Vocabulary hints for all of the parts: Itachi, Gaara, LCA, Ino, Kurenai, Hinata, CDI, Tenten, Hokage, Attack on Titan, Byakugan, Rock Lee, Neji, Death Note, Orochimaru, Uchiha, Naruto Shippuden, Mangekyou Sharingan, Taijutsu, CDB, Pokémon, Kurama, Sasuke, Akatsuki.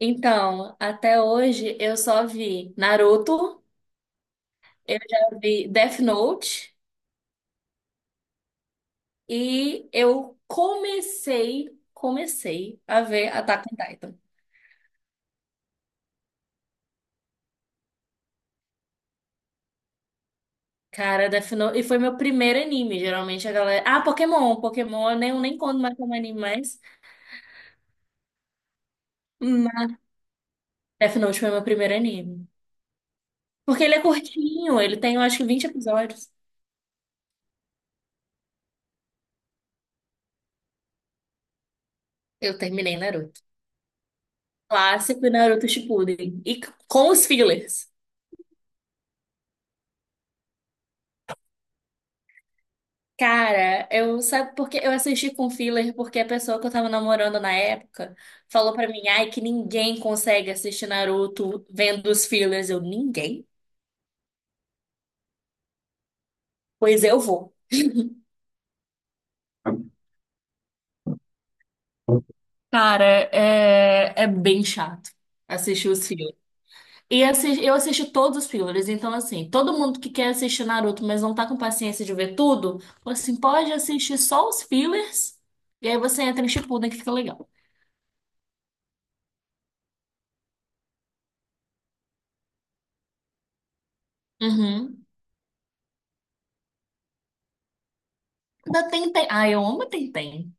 Então, até hoje eu só vi Naruto, eu já vi Death Note e eu comecei a ver Attack on Titan. Cara, Death Note, e foi meu primeiro anime, geralmente a galera... Ah, Pokémon, eu nem conto mais como anime mais, mas Death Note foi meu primeiro anime. Porque ele é curtinho, ele tem, eu acho que 20 episódios. Eu terminei Naruto. Clássico e Naruto Shippuden. E com os fillers. Cara, eu sabe porque eu assisti com filler porque a pessoa que eu tava namorando na época falou pra mim, ai, que ninguém consegue assistir Naruto vendo os fillers. Eu, ninguém? Pois eu vou. Cara, é bem chato assistir os fillers. E eu assisti todos os fillers, então assim, todo mundo que quer assistir Naruto, mas não tá com paciência de ver tudo, assim, pode assistir só os fillers e aí você entra em Shippuden que fica legal. Uhum. Da Tenten. Ah, eu amo a Tenten.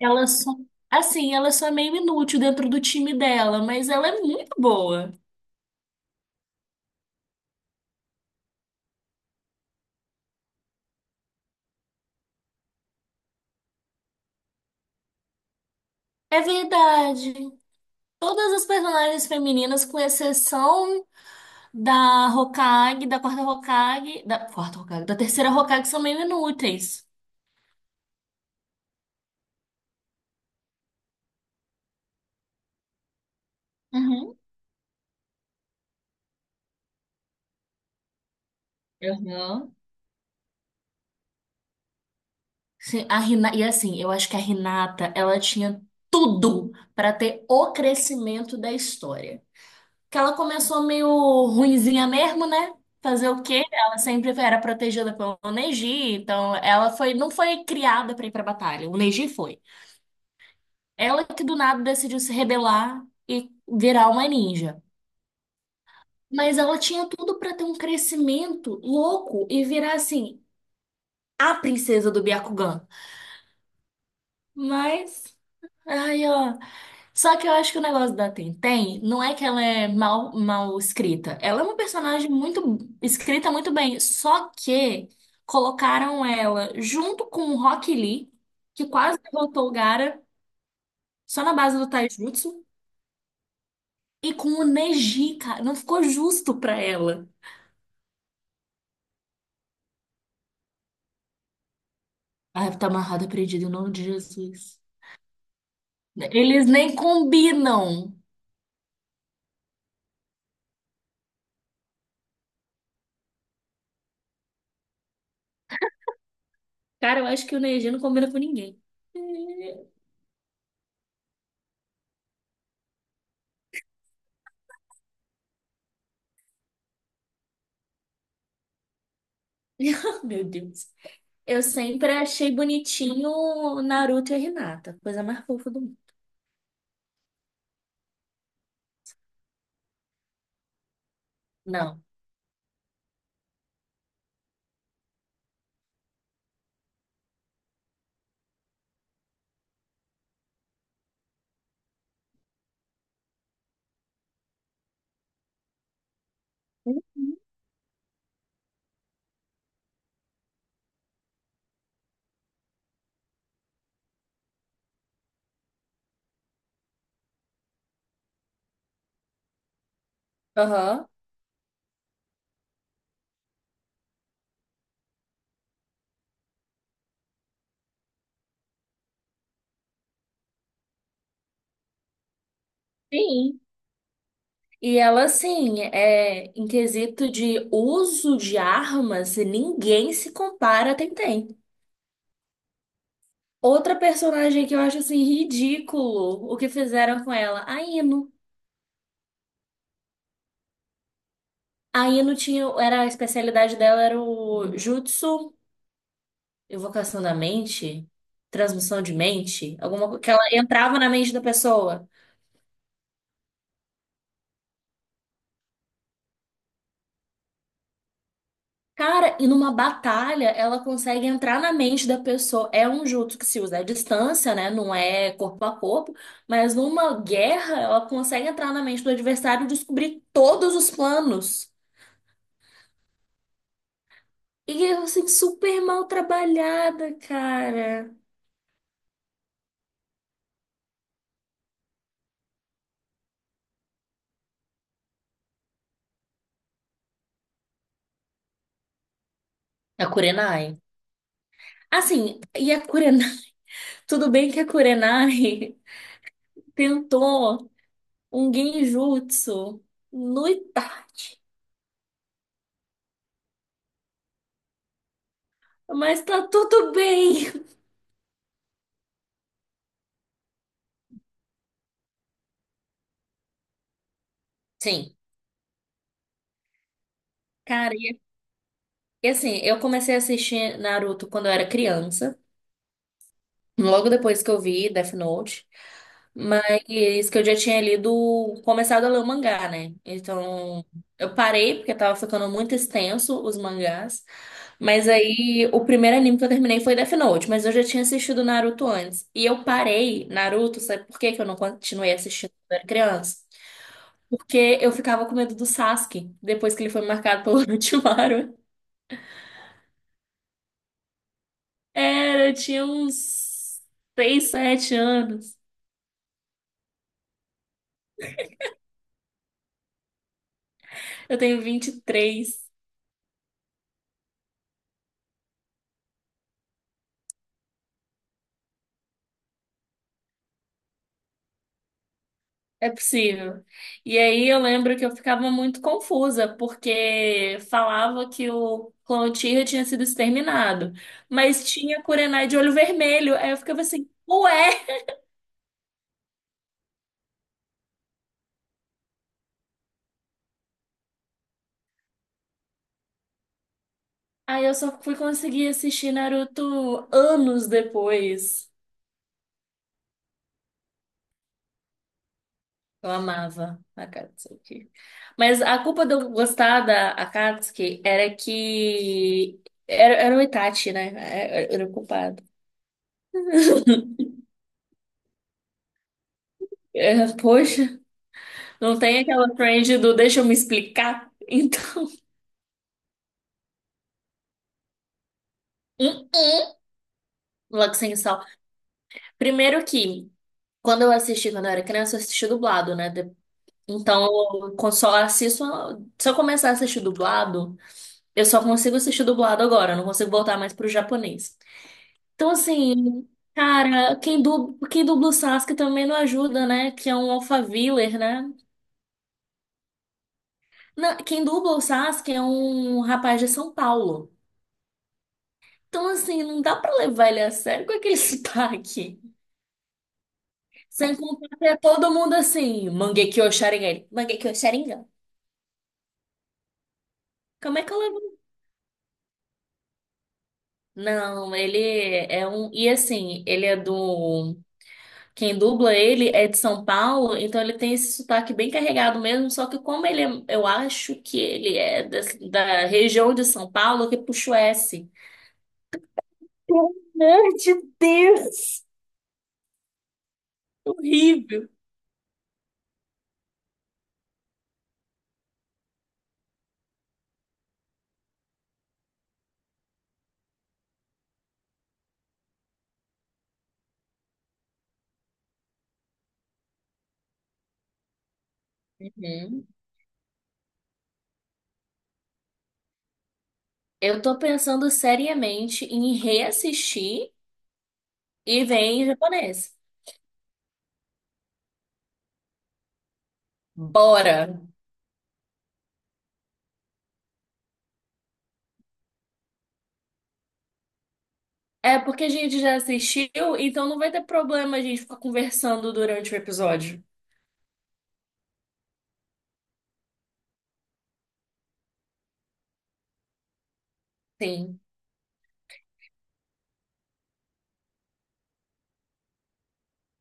Ela só, assim, ela só é meio inútil dentro do time dela, mas ela é muito boa. É verdade. Todas as personagens femininas, com exceção da Hokage, da quarta Hokage, da terceira Hokage, são meio inúteis. Uhum. Aham. Sim, a Rina... E assim, eu acho que a Hinata, ela tinha tudo para ter o crescimento da história. Que ela começou meio ruinzinha mesmo, né? Fazer o quê? Ela sempre era protegida pelo Neji, então ela foi, não foi criada pra ir pra batalha, o Neji foi. Ela que do nada decidiu se rebelar e virar uma ninja. Mas ela tinha tudo pra ter um crescimento louco e virar assim, a princesa do Byakugan. Mas, ai, ó. Só que eu acho que o negócio da Tenten não é que ela é mal escrita. Ela é uma personagem muito escrita muito bem. Só que colocaram ela junto com o Rock Lee, que quase derrotou o Gaara, só na base do Taijutsu, e com o Neji, cara. Não ficou justo pra ela. Ai, tá amarrada, perdida, em nome de Jesus. Eles nem combinam. Cara, eu acho que o Neji não combina com ninguém. Meu Deus. Eu sempre achei bonitinho o Naruto e a Hinata, coisa mais fofa do mundo. Não. Aham. Sim. E ela, assim, é, em quesito de uso de armas, ninguém se compara a Tenten. Outra personagem que eu acho, assim, ridículo o que fizeram com ela, a Ino. A Ino tinha, era, a especialidade dela era o jutsu, evocação da mente, transmissão de mente, alguma coisa que ela entrava na mente da pessoa. Cara, e numa batalha ela consegue entrar na mente da pessoa. É um jutsu que se usa à distância, né? Não é corpo a corpo, mas numa guerra ela consegue entrar na mente do adversário e descobrir todos os planos. E eu, assim, super mal trabalhada, cara. A Kurenai. Assim, e a Kurenai. Tudo bem que a Kurenai tentou um genjutsu no Itachi, mas tá tudo bem. Sim. Cara, e assim, eu comecei a assistir Naruto quando eu era criança, logo depois que eu vi Death Note, mas que eu já tinha lido, começado a ler o mangá, né? Então, eu parei porque tava ficando muito extenso os mangás, mas aí o primeiro anime que eu terminei foi Death Note, mas eu já tinha assistido Naruto antes. E eu parei Naruto, sabe por que que eu não continuei assistindo quando eu era criança? Porque eu ficava com medo do Sasuke, depois que ele foi marcado pelo Orochimaru. Era, eu tinha uns 6, 7 anos. Eu tenho 23. É possível. E aí eu lembro que eu ficava muito confusa, porque falava que o clã Uchiha tinha sido exterminado, mas tinha Kurenai de olho vermelho. Aí eu ficava assim, ué? Aí eu só fui conseguir assistir Naruto anos depois. Eu amava a Akatsuki. Mas a culpa de eu gostar da Akatsuki era que era o Itachi, né? Era o culpado. É, poxa, não tem aquela trend do deixa eu me explicar. Então, hum, hum, logo sem sal. Primeiro que, quando eu assisti, quando eu era criança, eu assisti dublado, né? Então, só assisto. Se eu começar a assistir dublado, eu só consigo assistir dublado agora, eu não consigo voltar mais pro japonês. Então, assim, cara, quem dubla o Sasuke também não ajuda, né? Que é um Alphaviller, né? Quem dubla o Sasuke é um rapaz de São Paulo. Então, assim, não dá pra levar ele a sério com aquele sotaque. Sem contar que é todo mundo assim, Mangekyou Sharingan. Ele, Mangekyou Sharingan. Como é que eu levo? Não, ele é um. E assim, ele é do. Quem dubla ele é de São Paulo, então ele tem esse sotaque bem carregado mesmo, só que como ele, eu acho que ele da, região de São Paulo, que puxa o S. Pelo amor de Deus! Horrível. Uhum. Eu tô pensando seriamente em reassistir e ver em japonês. Bora! É porque a gente já assistiu, então não vai ter problema a gente ficar conversando durante o episódio. Sim,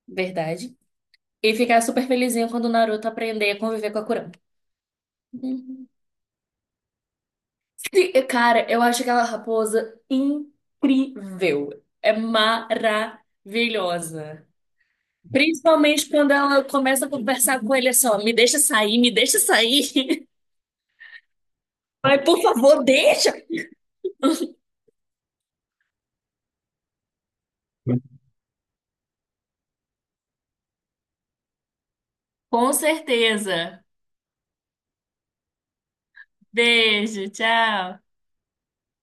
verdade. E ficar super felizinho quando o Naruto aprender a conviver com a Kurama. Uhum. Cara, eu acho aquela raposa incrível. É maravilhosa. Principalmente quando ela começa a conversar com ele assim, ó, me deixa sair. Mas, por favor, deixa! Com certeza. Beijo, tchau.